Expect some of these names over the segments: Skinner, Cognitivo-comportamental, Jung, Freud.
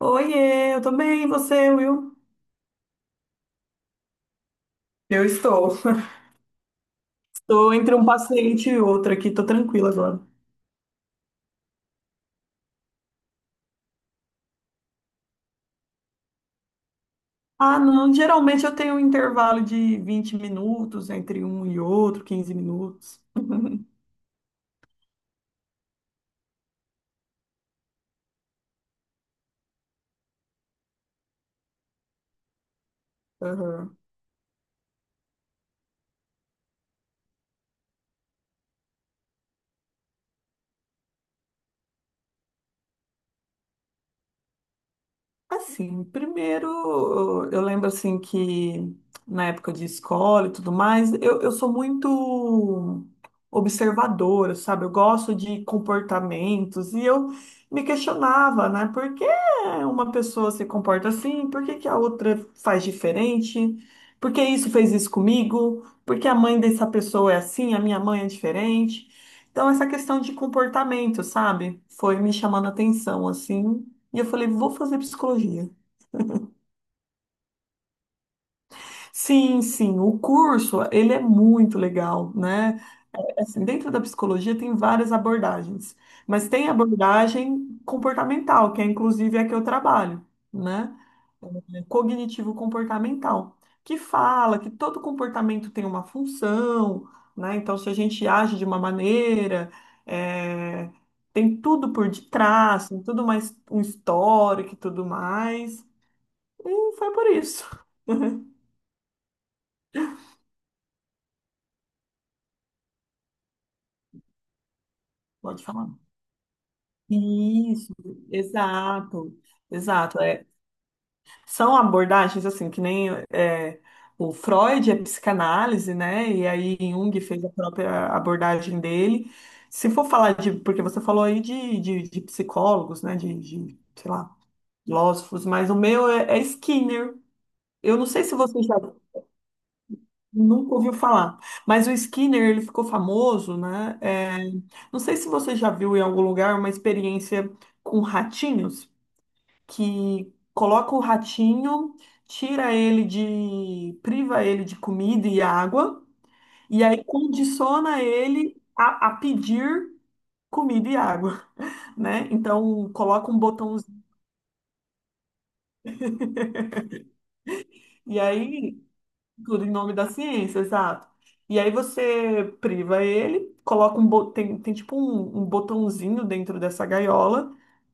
Oiê, eu tô bem, e você, Will? Eu estou. Estou entre um paciente e outro aqui, tô tranquila agora. Ah, não, geralmente eu tenho um intervalo de 20 minutos entre um e outro, 15 minutos. Aham. Assim, primeiro, eu lembro assim que na época de escola e tudo mais, eu sou muito observadora, sabe? Eu gosto de comportamentos e eu me questionava, né? Por que uma pessoa se comporta assim? Por que que a outra faz diferente? Por que isso fez isso comigo? Por que a mãe dessa pessoa é assim? A minha mãe é diferente? Então, essa questão de comportamento, sabe? Foi me chamando a atenção, assim. E eu falei, vou fazer psicologia. Sim, sim, o curso, ele é muito legal, né? Assim, dentro da psicologia tem várias abordagens, mas tem a abordagem comportamental, que é inclusive a que eu trabalho, né? É, cognitivo-comportamental, que fala que todo comportamento tem uma função, né? Então, se a gente age de uma maneira, eh, tem tudo por detrás, tem tudo mais um histórico e tudo mais. E foi por isso. Pode falar. Isso, exato, exato. É, são abordagens assim, que nem é, o Freud é psicanálise, né? E aí Jung fez a própria abordagem dele. Se for falar de, porque você falou aí de psicólogos, né? De, sei lá, filósofos, mas o meu é Skinner. Eu não sei se você já. Nunca ouviu falar. Mas o Skinner, ele ficou famoso, né? É, não sei se você já viu em algum lugar uma experiência com ratinhos, que coloca o ratinho, tira ele de, priva ele de comida e água, e aí condiciona ele a pedir comida e água, né? Então coloca um botãozinho, e aí. Tudo em nome da ciência, exato. E aí você priva ele, coloca um tem, tem tipo um, um botãozinho dentro dessa gaiola,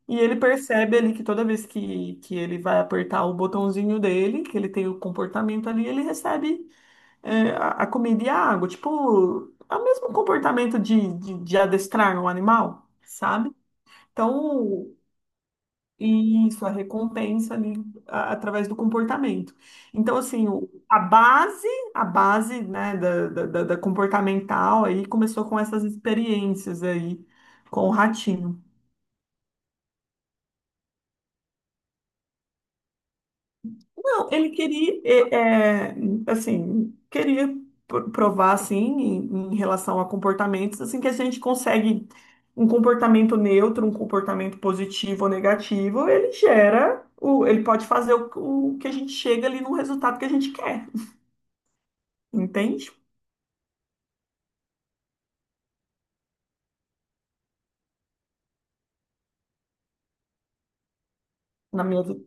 e ele percebe ali que toda vez que ele vai apertar o botãozinho dele, que ele tem o comportamento ali, ele recebe a comida e a água. Tipo, é o mesmo comportamento de adestrar um animal, sabe? Então, isso, a recompensa ali através do comportamento. Então, assim, a base, né, da comportamental aí começou com essas experiências aí com o ratinho. Não, ele queria, é, é, assim, queria provar, assim, em relação a comportamentos, assim, que a gente consegue um comportamento neutro, um comportamento positivo ou negativo, ele gera, ele pode fazer o que a gente chega ali no resultado que a gente quer. Entende? Na minha vida.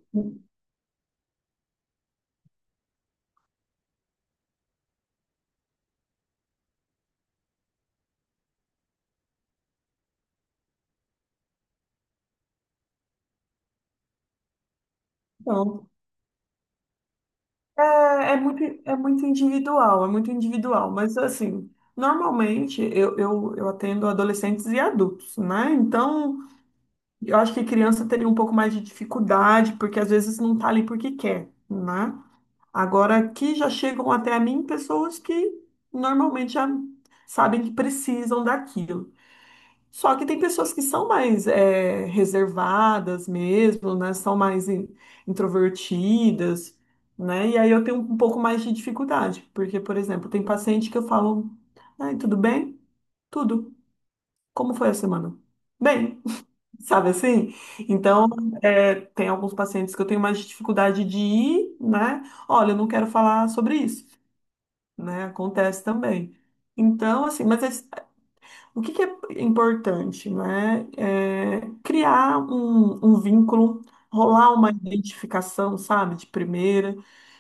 Então, é, é muito, é muito individual, é muito individual. Mas, assim, normalmente eu atendo adolescentes e adultos, né? Então, eu acho que criança teria um pouco mais de dificuldade, porque às vezes não tá ali porque quer, né? Agora, aqui já chegam até a mim pessoas que normalmente já sabem que precisam daquilo. Só que tem pessoas que são mais reservadas mesmo, né? São mais introvertidas, né? E aí eu tenho um pouco mais de dificuldade, porque, por exemplo, tem paciente que eu falo, ai, tudo bem? Tudo. Como foi a semana? Bem, sabe assim? Então, tem alguns pacientes que eu tenho mais dificuldade de ir, né? Olha, eu não quero falar sobre isso, né? Acontece também. Então, assim, mas o que que é importante, né? É criar um, um vínculo, rolar uma identificação, sabe, de primeira.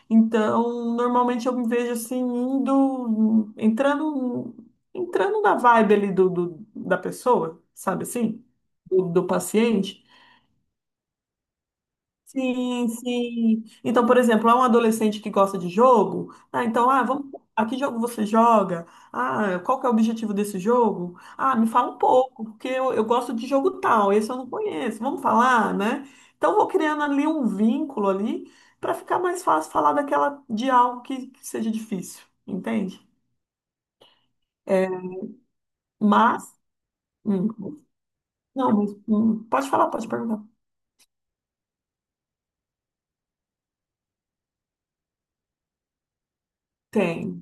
Então, normalmente eu me vejo assim, indo, entrando na vibe ali da pessoa, sabe assim? Do paciente. Sim, sim. Então, por exemplo, há um adolescente que gosta de jogo, ah, então, ah, vamos, a que jogo você joga? Ah, qual que é o objetivo desse jogo? Ah, me fala um pouco, porque eu gosto de jogo tal, esse eu não conheço, vamos falar, né? Então, vou criando ali um vínculo ali para ficar mais fácil falar daquela de algo que seja difícil, entende? É, Mas, hum, não, mas, pode falar, pode perguntar. Tem.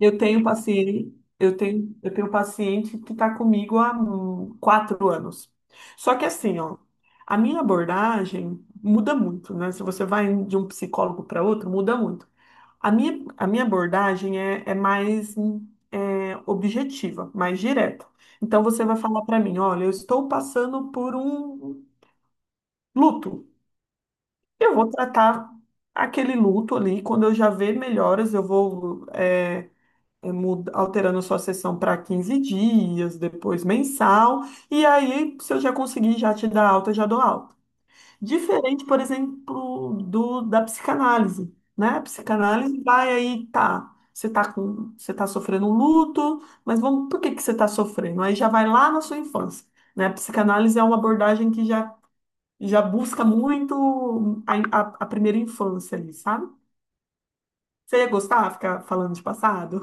Eu tenho paciente, eu tenho paciente que está comigo há 4 anos. Só que assim, ó, a minha abordagem muda muito, né? Se você vai de um psicólogo para outro, muda muito. A minha abordagem é mais objetiva, mais direta. Então você vai falar para mim, olha, eu estou passando por um luto. Eu vou tratar aquele luto ali, quando eu já ver melhoras, eu vou alterando sua sessão para 15 dias, depois mensal, e aí, se eu já conseguir já te dar alta, eu já dou alta. Diferente, por exemplo, do da psicanálise, né? A psicanálise vai aí, tá. Você tá sofrendo um luto, mas vamos, por que que você tá sofrendo? Aí já vai lá na sua infância, né? A psicanálise é uma abordagem que já busca muito a, a primeira infância ali, sabe? Você ia gostar de ficar falando de passado?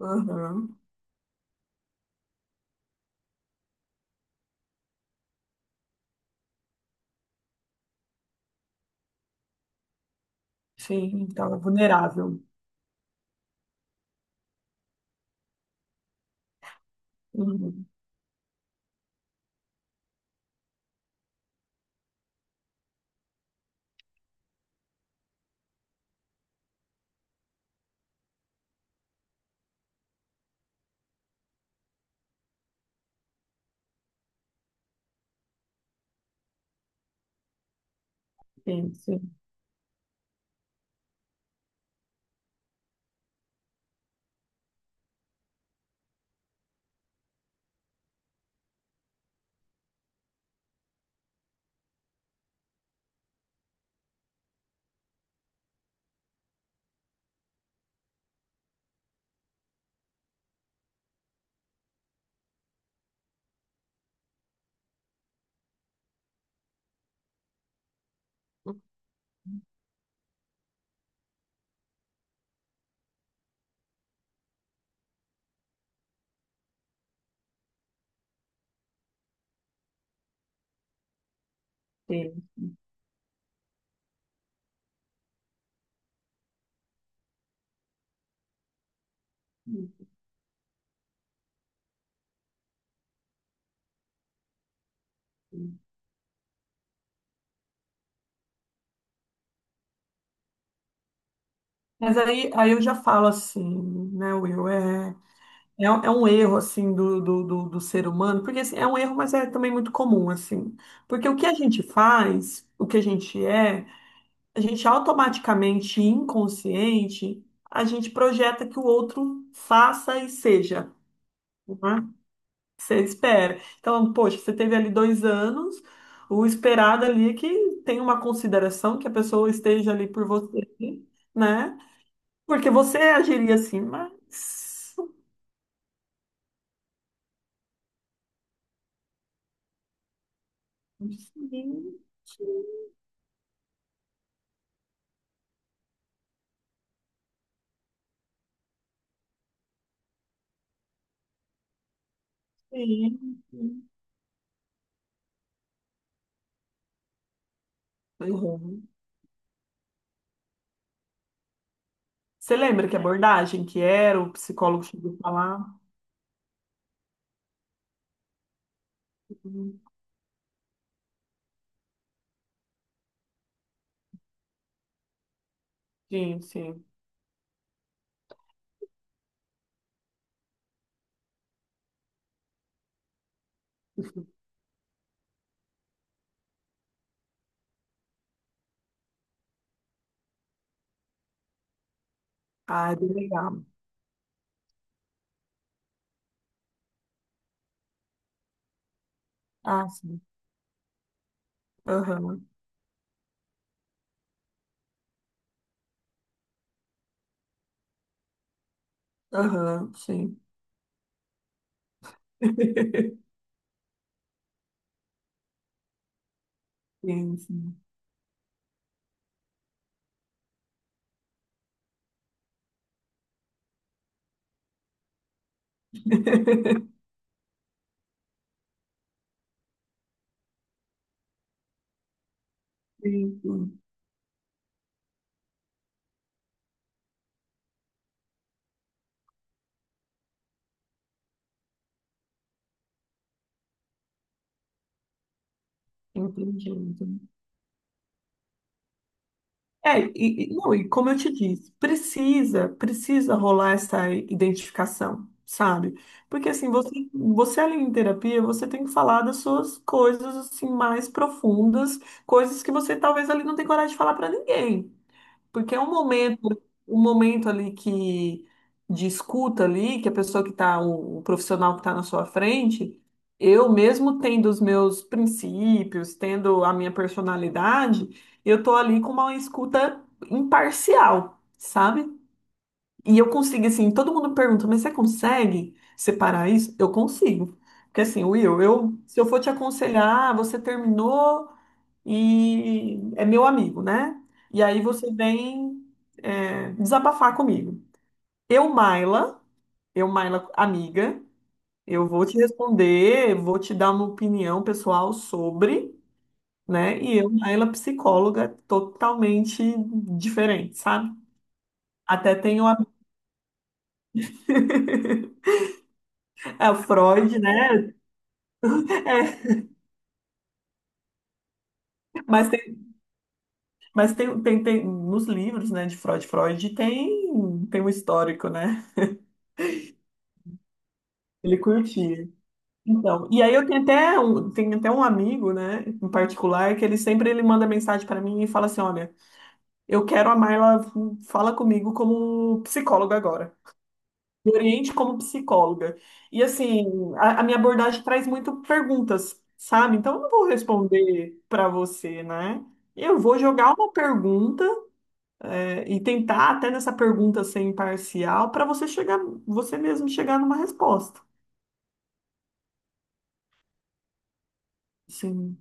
Aham. Sim, estava vulnerável. Uhum. Sim, sim, sim. Uhum. Mas aí eu já falo assim, né, Will? Um é um erro, assim, do ser humano, porque assim, é um erro, mas é também muito comum, assim. Porque o que a gente faz, o que a gente é, a gente automaticamente, inconsciente, a gente projeta que o outro faça e seja. Né? Você espera. Então, poxa, você teve ali 2 anos, o esperado ali é que tem uma consideração, que a pessoa esteja ali por você, né? Porque você agiria assim, mas. Gente, gente. Uhum. Você lembra que abordagem que era, o psicólogo chegou a falar? Sim, sim. Ah, é bem legal. Ah, sim. Aham, aham, sim. Sim, sim. Sim, sim. Entendi. Não, e como eu te disse, precisa rolar essa identificação, sabe? Porque assim, você ali em terapia, você tem que falar das suas coisas assim mais profundas, coisas que você talvez ali não tenha coragem de falar pra ninguém. Porque é um momento ali que de escuta ali, que a pessoa que está, o profissional que está na sua frente, eu mesmo tendo os meus princípios, tendo a minha personalidade, eu tô ali com uma escuta imparcial, sabe? E eu consigo, assim, todo mundo pergunta, mas você consegue separar isso? Eu consigo. Porque assim, Will, se eu for te aconselhar, ah, você terminou e é meu amigo, né? E aí você vem desabafar comigo. Eu, Maila, eu, Maila, amiga, eu vou te responder, vou te dar uma opinião pessoal sobre, né? E eu, Maila, psicóloga, totalmente diferente, sabe? Até tenho a. O Freud, né? É, mas tem, mas tem nos livros, né, de Freud, tem um histórico, né? Ele curtia. Então, e aí eu tenho até um amigo, né, em particular, que ele sempre ele manda mensagem pra mim e fala assim, olha, eu quero a Marla fala comigo como psicóloga agora. Me oriente como psicóloga. E assim, a minha abordagem traz muito perguntas, sabe? Então eu não vou responder pra você, né? Eu vou jogar uma pergunta e tentar até nessa pergunta ser imparcial pra você chegar, você mesmo chegar numa resposta. Assim,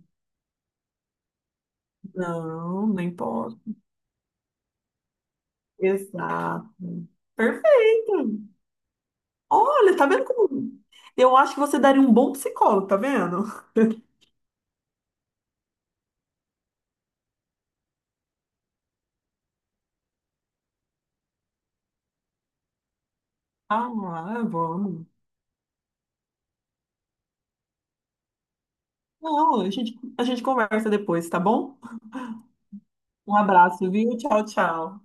não, nem posso. Exato. Perfeito. Olha, tá vendo como. Eu acho que você daria um bom psicólogo, tá vendo? Ah, é bom. Não, a gente conversa depois, tá bom? Um abraço, viu? Tchau, tchau.